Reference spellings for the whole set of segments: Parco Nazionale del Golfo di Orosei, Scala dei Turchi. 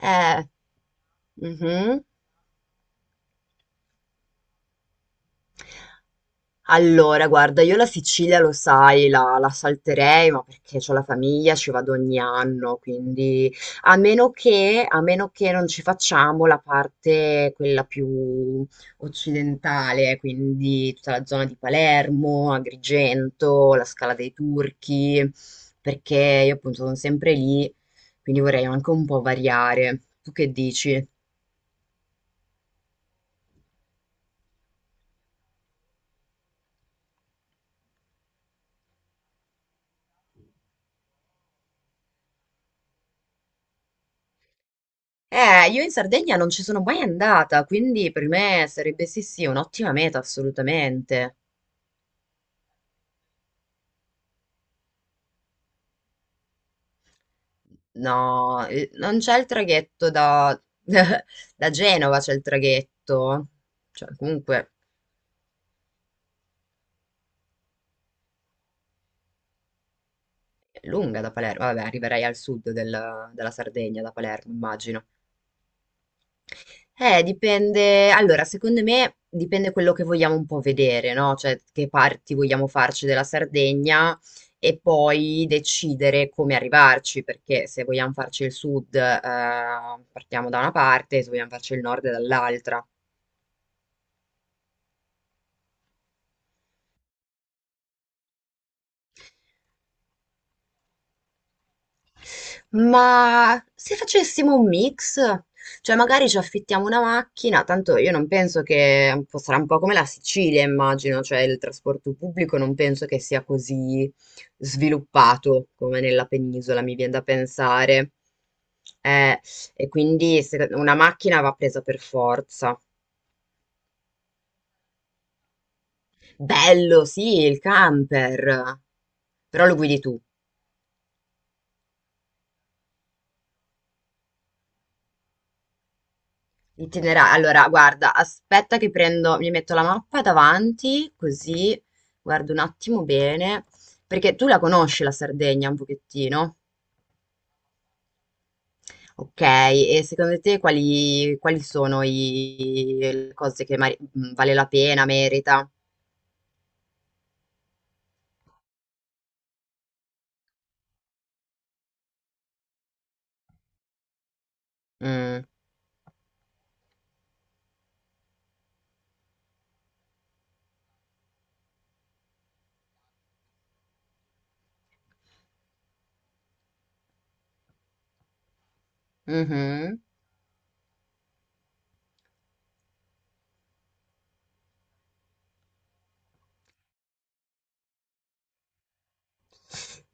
Eh, mhm. Allora, guarda, io la Sicilia lo sai, la salterei, ma perché c'ho la famiglia, ci vado ogni anno, quindi a meno che non ci facciamo la parte quella più occidentale, quindi tutta la zona di Palermo, Agrigento, la Scala dei Turchi, perché io appunto sono sempre lì, quindi vorrei anche un po' variare. Tu che dici? Io in Sardegna non ci sono mai andata, quindi per me sarebbe sì sì un'ottima meta assolutamente. No, non c'è il traghetto da, da Genova, c'è il traghetto. Cioè, comunque è lunga da Palermo. Vabbè, arriverai al della Sardegna, da Palermo, immagino. Dipende. Allora, secondo me dipende quello che vogliamo un po' vedere, no? Cioè, che parti vogliamo farci della Sardegna e poi decidere come arrivarci, perché se vogliamo farci il sud, partiamo da una parte, se vogliamo farci il nord dall'altra. Ma se facessimo un mix, cioè magari ci affittiamo una macchina, tanto io non penso che un po' sarà un po' come la Sicilia, immagino, cioè il trasporto pubblico non penso che sia così sviluppato come nella penisola, mi viene da pensare. Eh, e quindi una macchina va presa per forza. Bello, sì, il camper, però lo guidi tu. Itinerario. Allora, guarda, aspetta che prendo, mi metto la mappa davanti, così guardo un attimo bene, perché tu la conosci la Sardegna un pochettino. Ok, e secondo te quali sono le cose che vale la pena, merita? Mm. Mhm.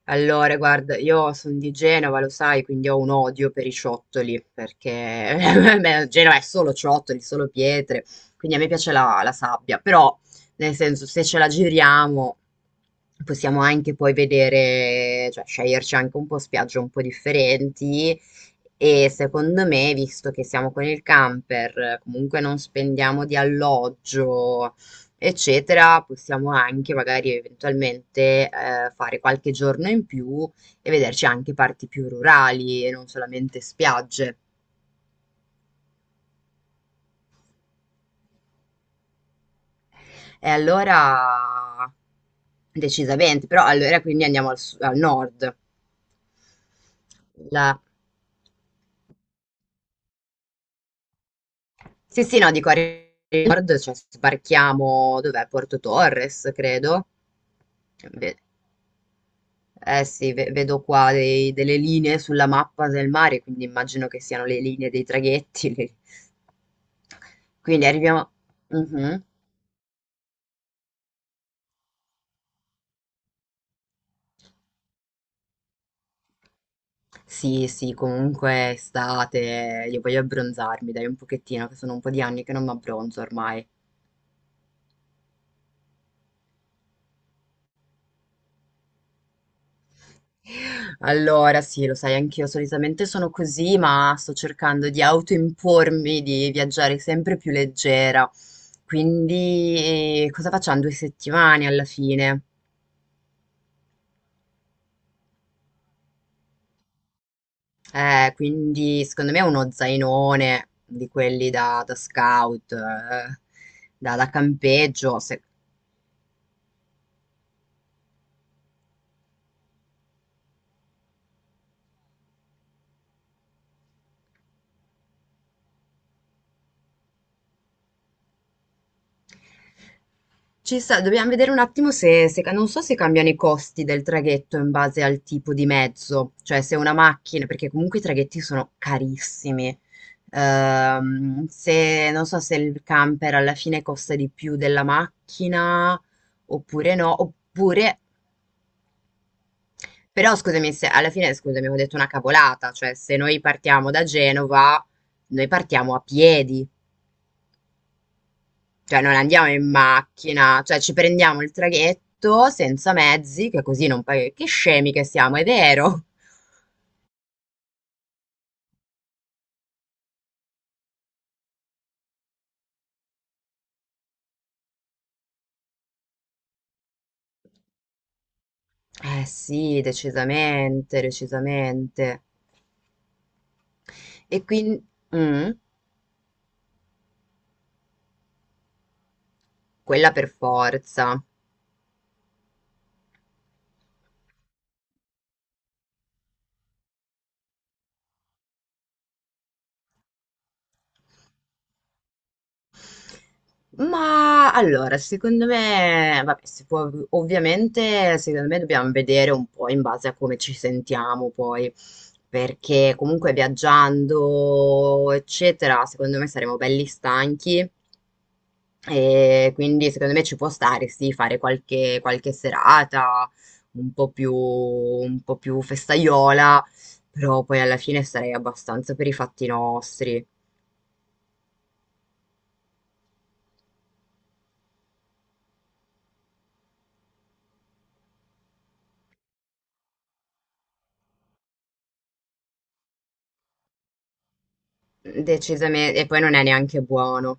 Allora, guarda, io sono di Genova, lo sai, quindi ho un odio per i ciottoli, perché beh, Genova è solo ciottoli, solo pietre, quindi a me piace la sabbia, però, nel senso, se ce la giriamo, possiamo anche poi vedere, cioè sceglierci anche un po' spiagge un po' differenti e secondo me, visto che siamo con il camper, comunque non spendiamo di alloggio, eccetera, possiamo anche magari eventualmente, fare qualche giorno in più e vederci anche parti più rurali e non solamente spiagge. E allora decisamente, però allora quindi andiamo al al nord. La- Sì, sì, no, dico a nord, cioè sbarchiamo, dov'è? Porto Torres, credo. Eh sì, vedo qua delle linee sulla mappa del mare, quindi immagino che siano le linee dei traghetti. Le- Quindi arriviamo... Mhm. Sì, sì, comunque è estate, io voglio abbronzarmi, dai un pochettino, che sono un po' di anni che non mi abbronzo ormai. Allora, sì, lo sai, anch'io solitamente sono così, ma sto cercando di autoimpormi di viaggiare sempre più leggera. Quindi, cosa facciamo? Due settimane alla fine. Quindi secondo me è uno zainone di quelli da scout, da campeggio. Se- Ci sta, dobbiamo vedere un attimo non so se cambiano i costi del traghetto in base al tipo di mezzo, cioè se una macchina, perché comunque i traghetti sono carissimi. Se, non so se il camper alla fine costa di più della macchina oppure no, oppure però scusami, se alla fine scusami, ho detto una cavolata, cioè se noi partiamo da Genova, noi partiamo a piedi, cioè non andiamo in macchina, cioè ci prendiamo il traghetto senza mezzi, che così non paghi. Che scemi che siamo, è vero? Eh sì, decisamente, decisamente. E quindi... mm, quella per forza. Ma allora, secondo me, vabbè, si può, ovviamente, secondo me dobbiamo vedere un po' in base a come ci sentiamo poi, perché comunque viaggiando, eccetera, secondo me saremo belli stanchi e quindi secondo me ci può stare, sì, fare qualche serata un po' più festaiola, però poi alla fine sarei abbastanza per i fatti nostri, decisamente, e poi non è neanche buono.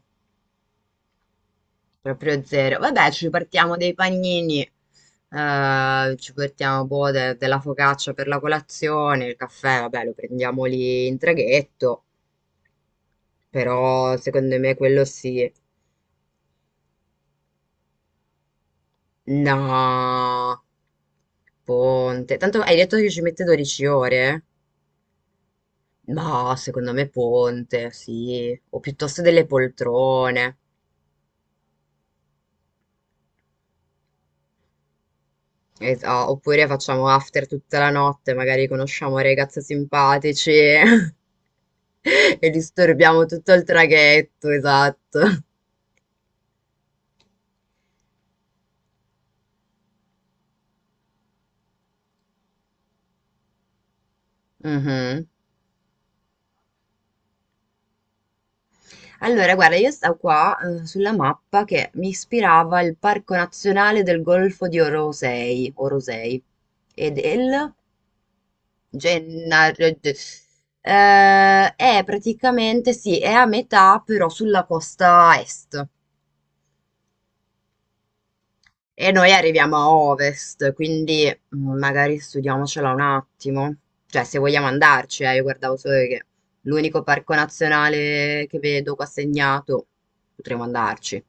Proprio zero. Vabbè, ci partiamo dei panini, ci partiamo boh, della focaccia per la colazione, il caffè, vabbè, lo prendiamo lì in traghetto, però secondo me quello sì. No, ponte. Tanto hai detto che ci mette 12 ore? Ma secondo me ponte, sì. O piuttosto delle poltrone. Esa oppure facciamo after tutta la notte, magari conosciamo ragazzi simpatici e disturbiamo tutto il traghetto, esatto. Mhm. Allora, guarda, io stavo qua sulla mappa che mi ispirava il Parco Nazionale del Golfo di Orosei, Orosei e del Gennaro. Ge- è praticamente, sì, è a metà però sulla costa est. E noi arriviamo a ovest, quindi mm, magari studiamocela un attimo. Cioè, se vogliamo andarci, io guardavo solo che l'unico parco nazionale che vedo qua segnato, potremmo andarci.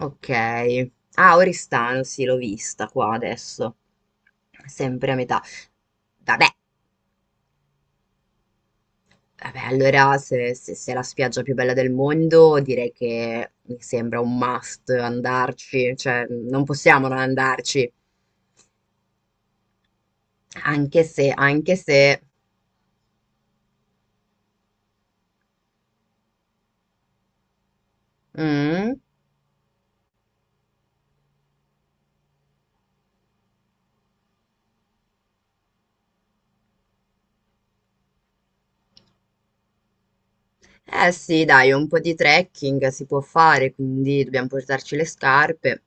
Ok. Ah, Oristano, sì, l'ho vista qua adesso. Sempre a metà. Vabbè, vabbè, allora se è la spiaggia più bella del mondo, direi che mi sembra un must andarci. Cioè, non possiamo non andarci. Anche se... Mm. Eh sì, dai, un po' di trekking si può fare, quindi dobbiamo portarci le scarpe.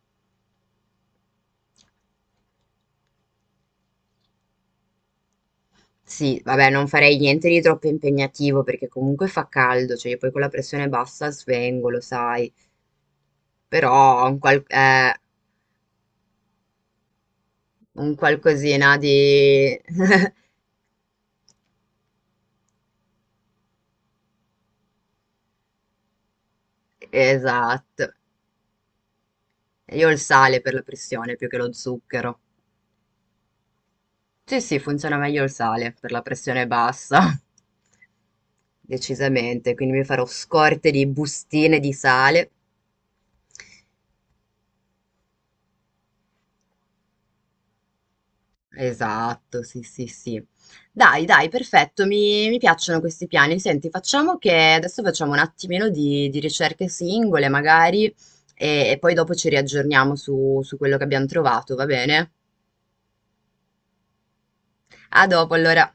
Sì, vabbè, non farei niente di troppo impegnativo perché comunque fa caldo, cioè io poi con la pressione bassa svengo, lo sai. Però un, qual- eh, un qualcosina di... Esatto. Io ho il sale per la pressione più che lo zucchero. Sì, sì, funziona meglio il sale per la pressione bassa. Decisamente, quindi mi farò scorte di bustine di sale. Esatto, sì, sì, sì. Dai, dai, perfetto, mi piacciono questi piani. Senti, facciamo che adesso facciamo un attimino di ricerche singole, magari, e poi dopo ci riaggiorniamo su quello che abbiamo trovato, va bene? A dopo, allora.